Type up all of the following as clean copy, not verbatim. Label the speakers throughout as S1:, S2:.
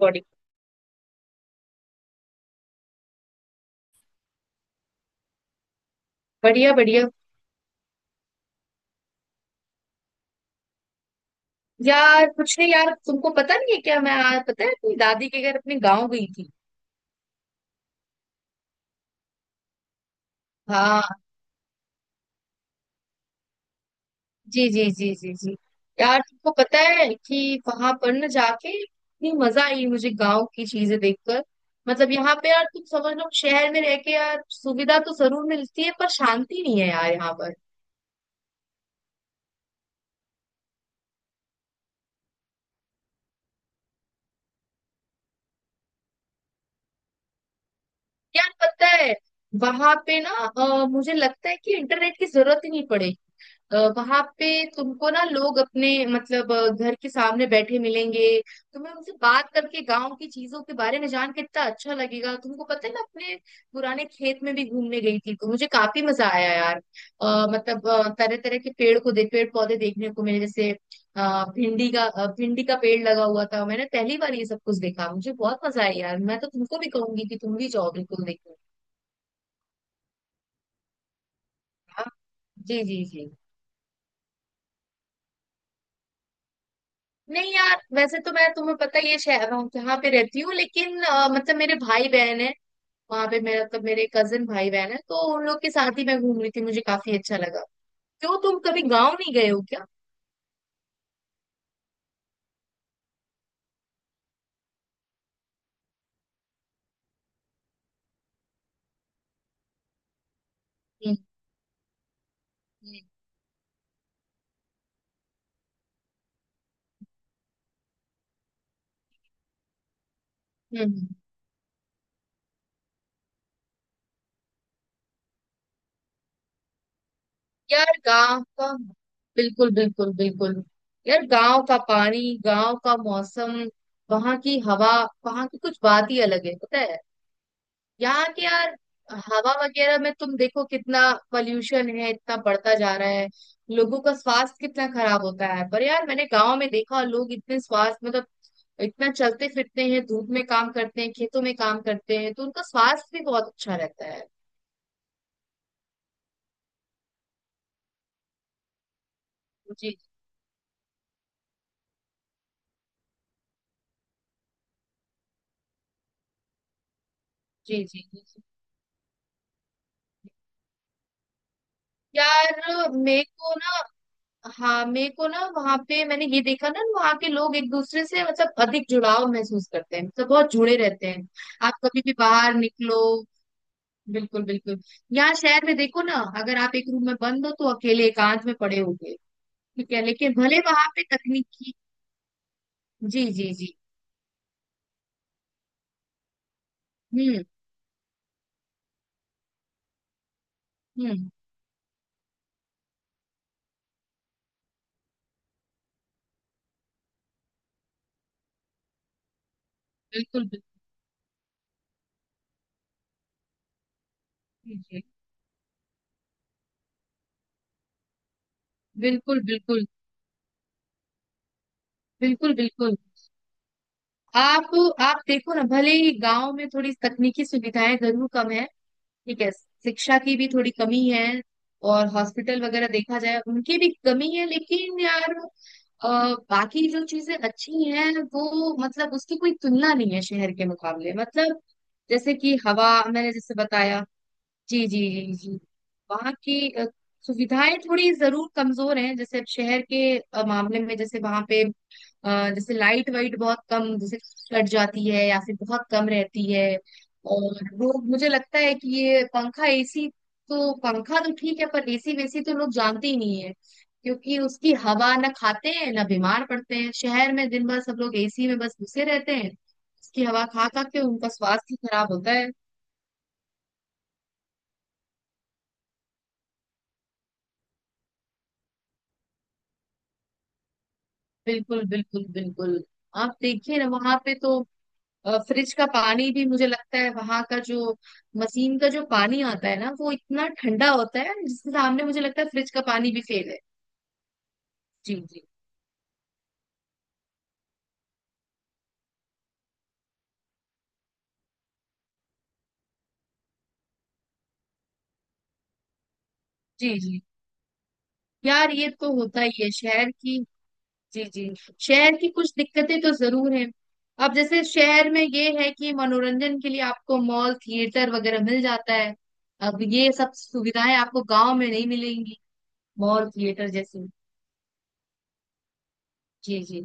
S1: Body. बढ़िया बढ़िया। यार कुछ नहीं यार, तुमको पता नहीं है क्या? मैं आज, पता है, अपनी दादी के घर, अपने गांव गई थी। हाँ। जी जी जी जी जी। यार तुमको पता है कि वहां पर ना जाके इतनी मजा आई मुझे, गांव की चीजें देखकर। मतलब यहाँ पे यार, तुम समझ लो, शहर में रह के यार सुविधा तो जरूर मिलती है पर शांति नहीं है यार यहाँ पर। यार पता है, वहां पे ना मुझे लगता है कि इंटरनेट की जरूरत ही नहीं पड़ेगी वहां पे। तुमको ना लोग अपने, मतलब घर के सामने बैठे मिलेंगे। तुम्हें उनसे बात करके, गांव की चीजों के बारे में जान के इतना अच्छा लगेगा। तुमको पता है, मैं अपने पुराने खेत में भी घूमने गई थी तो मुझे काफी मजा आया यार। मतलब तरह तरह के पेड़ पौधे देखने को मिले, जैसे भिंडी का, भिंडी का पेड़ लगा हुआ था। मैंने पहली बार ये सब कुछ देखा, मुझे बहुत मजा आया यार। मैं तो तुमको भी कहूंगी कि तुम भी जाओ, बिल्कुल देखो। हाँ, जी जी जी। नहीं यार, वैसे तो मैं, तुम्हें पता ही है, शहर हूँ, यहाँ पे रहती हूँ, लेकिन मतलब मेरे भाई बहन है वहां पे, मेरा मतलब मेरे कजिन भाई बहन है, तो उन लोग के साथ ही मैं घूम रही थी, मुझे काफी अच्छा लगा। क्यों, तुम कभी गाँव नहीं गए हो क्या? हम्म, हम्म, हम्म। यार गांव का। बिल्कुल बिल्कुल बिल्कुल। यार गांव का पानी, गांव का मौसम, वहां की हवा, वहां की कुछ बात ही अलग है, पता है? यहाँ के यार हवा वगैरह में तुम देखो, कितना पॉल्यूशन है, इतना बढ़ता जा रहा है, लोगों का स्वास्थ्य कितना खराब होता है। पर यार मैंने गांव में देखा, लोग इतने स्वास्थ्य, मतलब इतना चलते फिरते हैं, धूप में काम करते हैं, खेतों में काम करते हैं, तो उनका स्वास्थ्य भी बहुत अच्छा रहता है। जी जी जी जी जी। यार मेरे को ना, हाँ मेरे को ना वहां पे मैंने ये देखा ना, वहां के लोग एक दूसरे से मतलब अधिक जुड़ाव महसूस करते हैं, मतलब बहुत जुड़े रहते हैं। आप कभी भी बाहर निकलो। बिल्कुल बिल्कुल। यहाँ शहर में देखो ना, अगर आप एक रूम में बंद हो तो अकेले एकांत में पड़े होंगे। ठीक है, लेकिन भले वहां पे तकनीकी। जी जी जी। हम्म हम्म। बिल्कुल बिल्कुल। जी, जी, बिल्कुल बिल्कुल बिल्कुल बिल्कुल। आप आप देखो ना, भले ही गांव में थोड़ी तकनीकी सुविधाएं जरूर कम है, ठीक है, शिक्षा की भी थोड़ी कमी है, और हॉस्पिटल वगैरह देखा जाए उनकी भी कमी है, लेकिन यार अ, बाकी जो चीजें अच्छी हैं वो मतलब उसकी कोई तुलना नहीं है शहर के मुकाबले, मतलब जैसे कि हवा, मैंने जैसे बताया। जी जी जी जी। वहाँ की सुविधाएं थोड़ी जरूर कमजोर हैं, जैसे अब शहर के मामले में, जैसे वहाँ पे जैसे लाइट वाइट बहुत कम, जैसे कट जाती है या फिर बहुत कम रहती है। और लोग, मुझे लगता है कि ये पंखा एसी, तो पंखा तो ठीक है पर एसी वेसी तो लोग जानते ही नहीं है, क्योंकि उसकी हवा ना खाते हैं ना बीमार पड़ते हैं। शहर में दिन भर सब लोग एसी में बस घुसे रहते हैं, उसकी हवा खा खा के उनका स्वास्थ्य खराब होता है। बिल्कुल बिल्कुल बिल्कुल। आप देखिए ना, वहां पे तो फ्रिज का पानी भी, मुझे लगता है, वहां का जो मशीन का जो पानी आता है ना, वो इतना ठंडा होता है, जिसके सामने मुझे लगता है फ्रिज का पानी भी फेल है। जी जी जी जी। यार ये तो होता ही है शहर की। जी जी। शहर की कुछ दिक्कतें तो जरूर हैं। अब जैसे शहर में ये है कि मनोरंजन के लिए आपको मॉल थिएटर वगैरह मिल जाता है, अब ये सब सुविधाएं आपको गांव में नहीं मिलेंगी, मॉल थिएटर जैसी। जी जी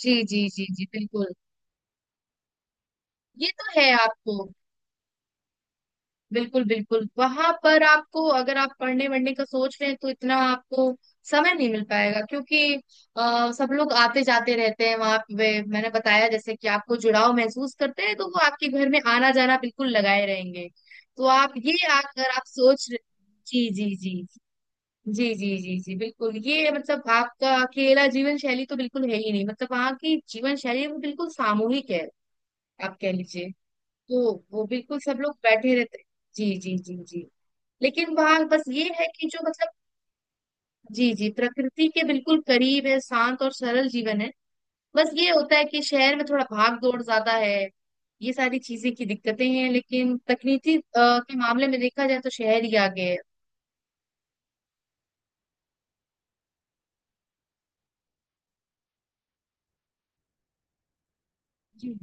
S1: जी जी जी जी। बिल्कुल, ये तो है आपको। बिल्कुल बिल्कुल। वहां पर आपको, अगर आप पढ़ने वढ़ने का सोच रहे हैं, तो इतना आपको समय नहीं मिल पाएगा, क्योंकि सब लोग आते जाते रहते हैं वहां पे। मैंने बताया जैसे कि आपको जुड़ाव महसूस करते हैं, तो वो आपके घर में आना जाना बिल्कुल लगाए रहेंगे। तो आप, ये अगर आप जी जी जी। जी जी जी जी बिल्कुल, ये मतलब आपका अकेला जीवन शैली तो बिल्कुल है ही नहीं, मतलब वहाँ की जीवन शैली वो बिल्कुल सामूहिक है, आप कह लीजिए। तो वो बिल्कुल सब लोग बैठे रहते। जी जी जी जी। लेकिन वहां बस ये है कि जो मतलब, जी जी, प्रकृति के बिल्कुल करीब है, शांत और सरल जीवन है। बस ये होता है कि शहर में थोड़ा भाग दौड़ ज्यादा है, ये सारी चीजें की दिक्कतें हैं, लेकिन तकनीकी के मामले में देखा जाए तो शहर ही आगे है। जी।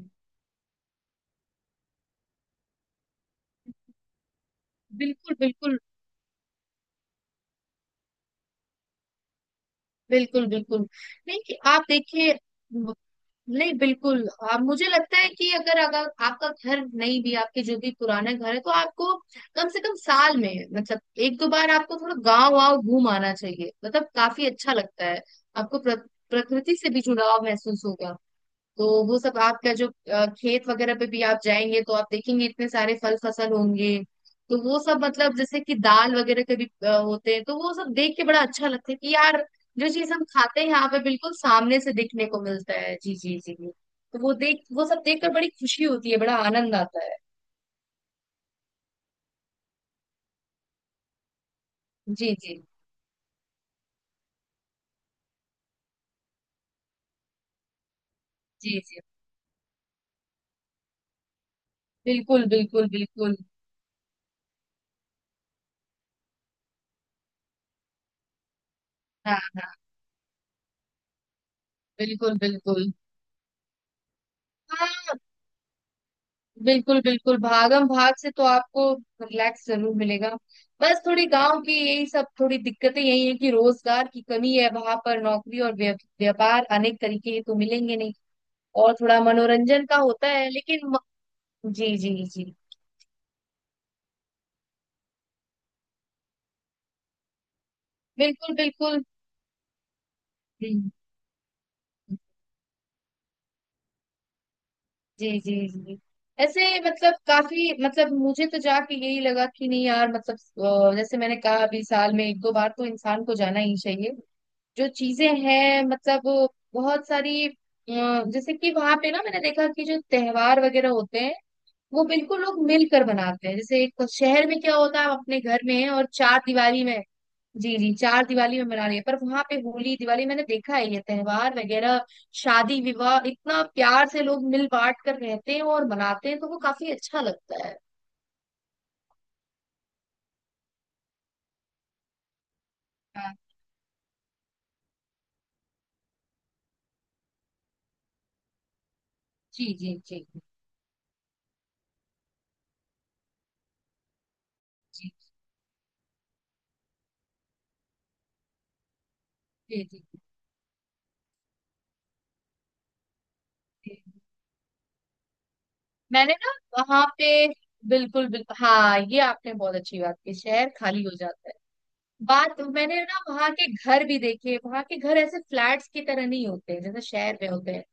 S1: बिल्कुल बिल्कुल बिल्कुल बिल्कुल। नहीं, कि आप देखिए, नहीं बिल्कुल, मुझे लगता है कि अगर अगर आपका घर नहीं भी, आपके जो भी पुराना घर है, तो आपको कम से कम साल में, मतलब एक दो बार आपको थोड़ा गांव वाव घूम आना चाहिए, मतलब काफी अच्छा लगता है। आपको प्रकृति से भी जुड़ाव महसूस होगा, तो वो सब आपका जो खेत वगैरह पे भी आप जाएंगे, तो आप देखेंगे इतने सारे फल फसल होंगे। तो वो सब, मतलब जैसे कि दाल वगैरह के भी होते हैं, तो वो सब देख के बड़ा अच्छा लगता है कि यार, जो चीज हम खाते हैं यहाँ पे, बिल्कुल सामने से दिखने को मिलता है। जी जी जी जी। तो वो सब देखकर बड़ी खुशी होती है, बड़ा आनंद आता है। जी जी जी जी। बिल्कुल बिल्कुल बिल्कुल। हाँ हाँ, बिल्कुल बिल्कुल। हाँ, बिल्कुल बिल्कुल, भागम भाग से तो आपको रिलैक्स जरूर मिलेगा। बस थोड़ी गांव की, यही सब थोड़ी दिक्कतें यही है कि रोजगार की कमी है वहां पर, नौकरी और व्यापार अनेक तरीके के तो मिलेंगे नहीं, और थोड़ा मनोरंजन का होता है, लेकिन जी जी जी। बिल्कुल बिल्कुल। हम्म। जी जी जी। ऐसे, मतलब काफी, मतलब मुझे तो जाके यही लगा कि, नहीं यार, मतलब जैसे मैंने कहा अभी, साल में एक दो बार तो इंसान को जाना ही चाहिए। जो चीजें हैं, मतलब बहुत सारी जैसे कि वहां पे ना, मैंने देखा कि जो त्योहार वगैरह होते हैं, वो बिल्कुल लोग मिलकर बनाते हैं। जैसे एक शहर में क्या होता है, आप अपने घर में हैं, और चार दिवाली में। जी जी, चार दिवाली में मना रही है, पर वहां पे होली दिवाली, मैंने देखा है ये त्योहार वगैरह, शादी विवाह, इतना प्यार से लोग मिल बांट कर रहते हैं और मनाते हैं, तो वो काफी अच्छा लगता है। हाँ, जी जी जी जी जी जी जी जी। मैंने ना वहां पे, बिल्कुल बिल्कुल, हाँ, ये आपने बहुत अच्छी बात की, शहर खाली हो जाता है। बात, मैंने ना वहां के घर भी देखे, वहां के घर ऐसे फ्लैट्स की तरह नहीं होते हैं जैसे शहर में होते हैं।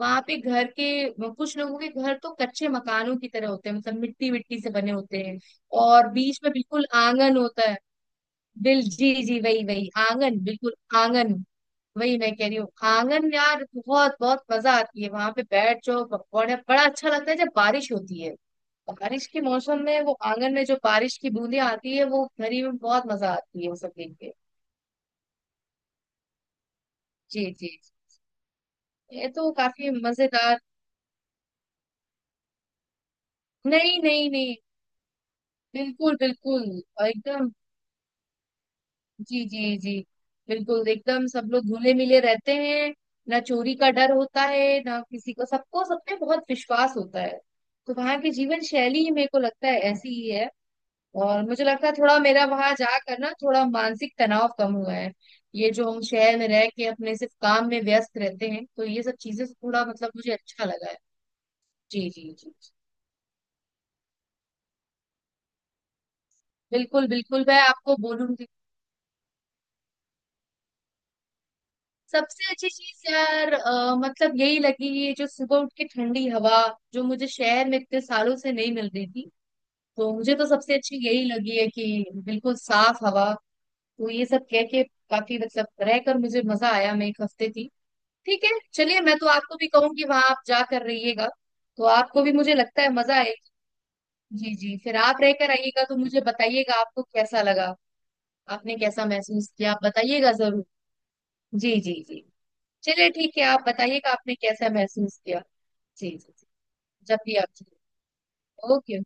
S1: वहां पे घर के, कुछ लोगों के घर तो कच्चे मकानों की तरह होते हैं, मतलब मिट्टी मिट्टी से बने होते हैं, और बीच में बिल्कुल आंगन होता है। बिल जी जी, वही वही आंगन, बिल्कुल आंगन, वही मैं कह रही हूँ, आंगन यार बहुत बहुत मजा आती है, वहां पे बैठ जाओ। बड़ा बड़ा अच्छा लगता है जब बारिश होती है। बारिश के मौसम में वो आंगन में जो बारिश की बूंदें आती है, वो घरी में बहुत मजा आती है, वो सब देख के। जी जी जी। ये तो काफी मजेदार। नहीं नहीं नहीं, बिल्कुल बिल्कुल, और एकदम, जी जी जी, बिल्कुल एकदम सब लोग घुले मिले रहते हैं। ना चोरी का डर होता है, ना किसी को, सबको सब पे बहुत विश्वास होता है, तो वहाँ की जीवन शैली ही, मेरे को लगता है, ऐसी ही है। और मुझे लगता है थोड़ा मेरा, वहां जाकर ना, थोड़ा मानसिक तनाव कम हुआ है। ये जो हम शहर में रह के अपने सिर्फ काम में व्यस्त रहते हैं, तो ये सब चीजें से थोड़ा मतलब, मुझे अच्छा लगा है। जी जी जी। बिल्कुल बिल्कुल, मैं आपको बोलूंगी, सबसे अच्छी चीज यार मतलब यही लगी, ये जो सुबह उठ के ठंडी हवा, जो मुझे शहर में इतने सालों से नहीं मिल रही थी। तो मुझे तो सबसे अच्छी यही लगी है कि बिल्कुल साफ हवा, तो ये सब कह के, काफी मतलब रहकर मुझे मजा आया, मैं एक हफ्ते थी। ठीक है, चलिए, मैं तो आपको भी कहूंगी, वहां आप जा कर रहिएगा, तो आपको भी, मुझे लगता है, मजा आएगी। जी जी, फिर आप रहकर आइएगा तो मुझे बताइएगा आपको कैसा लगा, आपने कैसा महसूस किया, आप बताइएगा जरूर। जी जी जी। चलिए, ठीक है, आप बताइएगा आपने कैसा महसूस किया। जी जी जी। जब भी आप, ओके।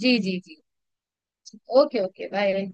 S1: जी जी जी। Okay okay, bye.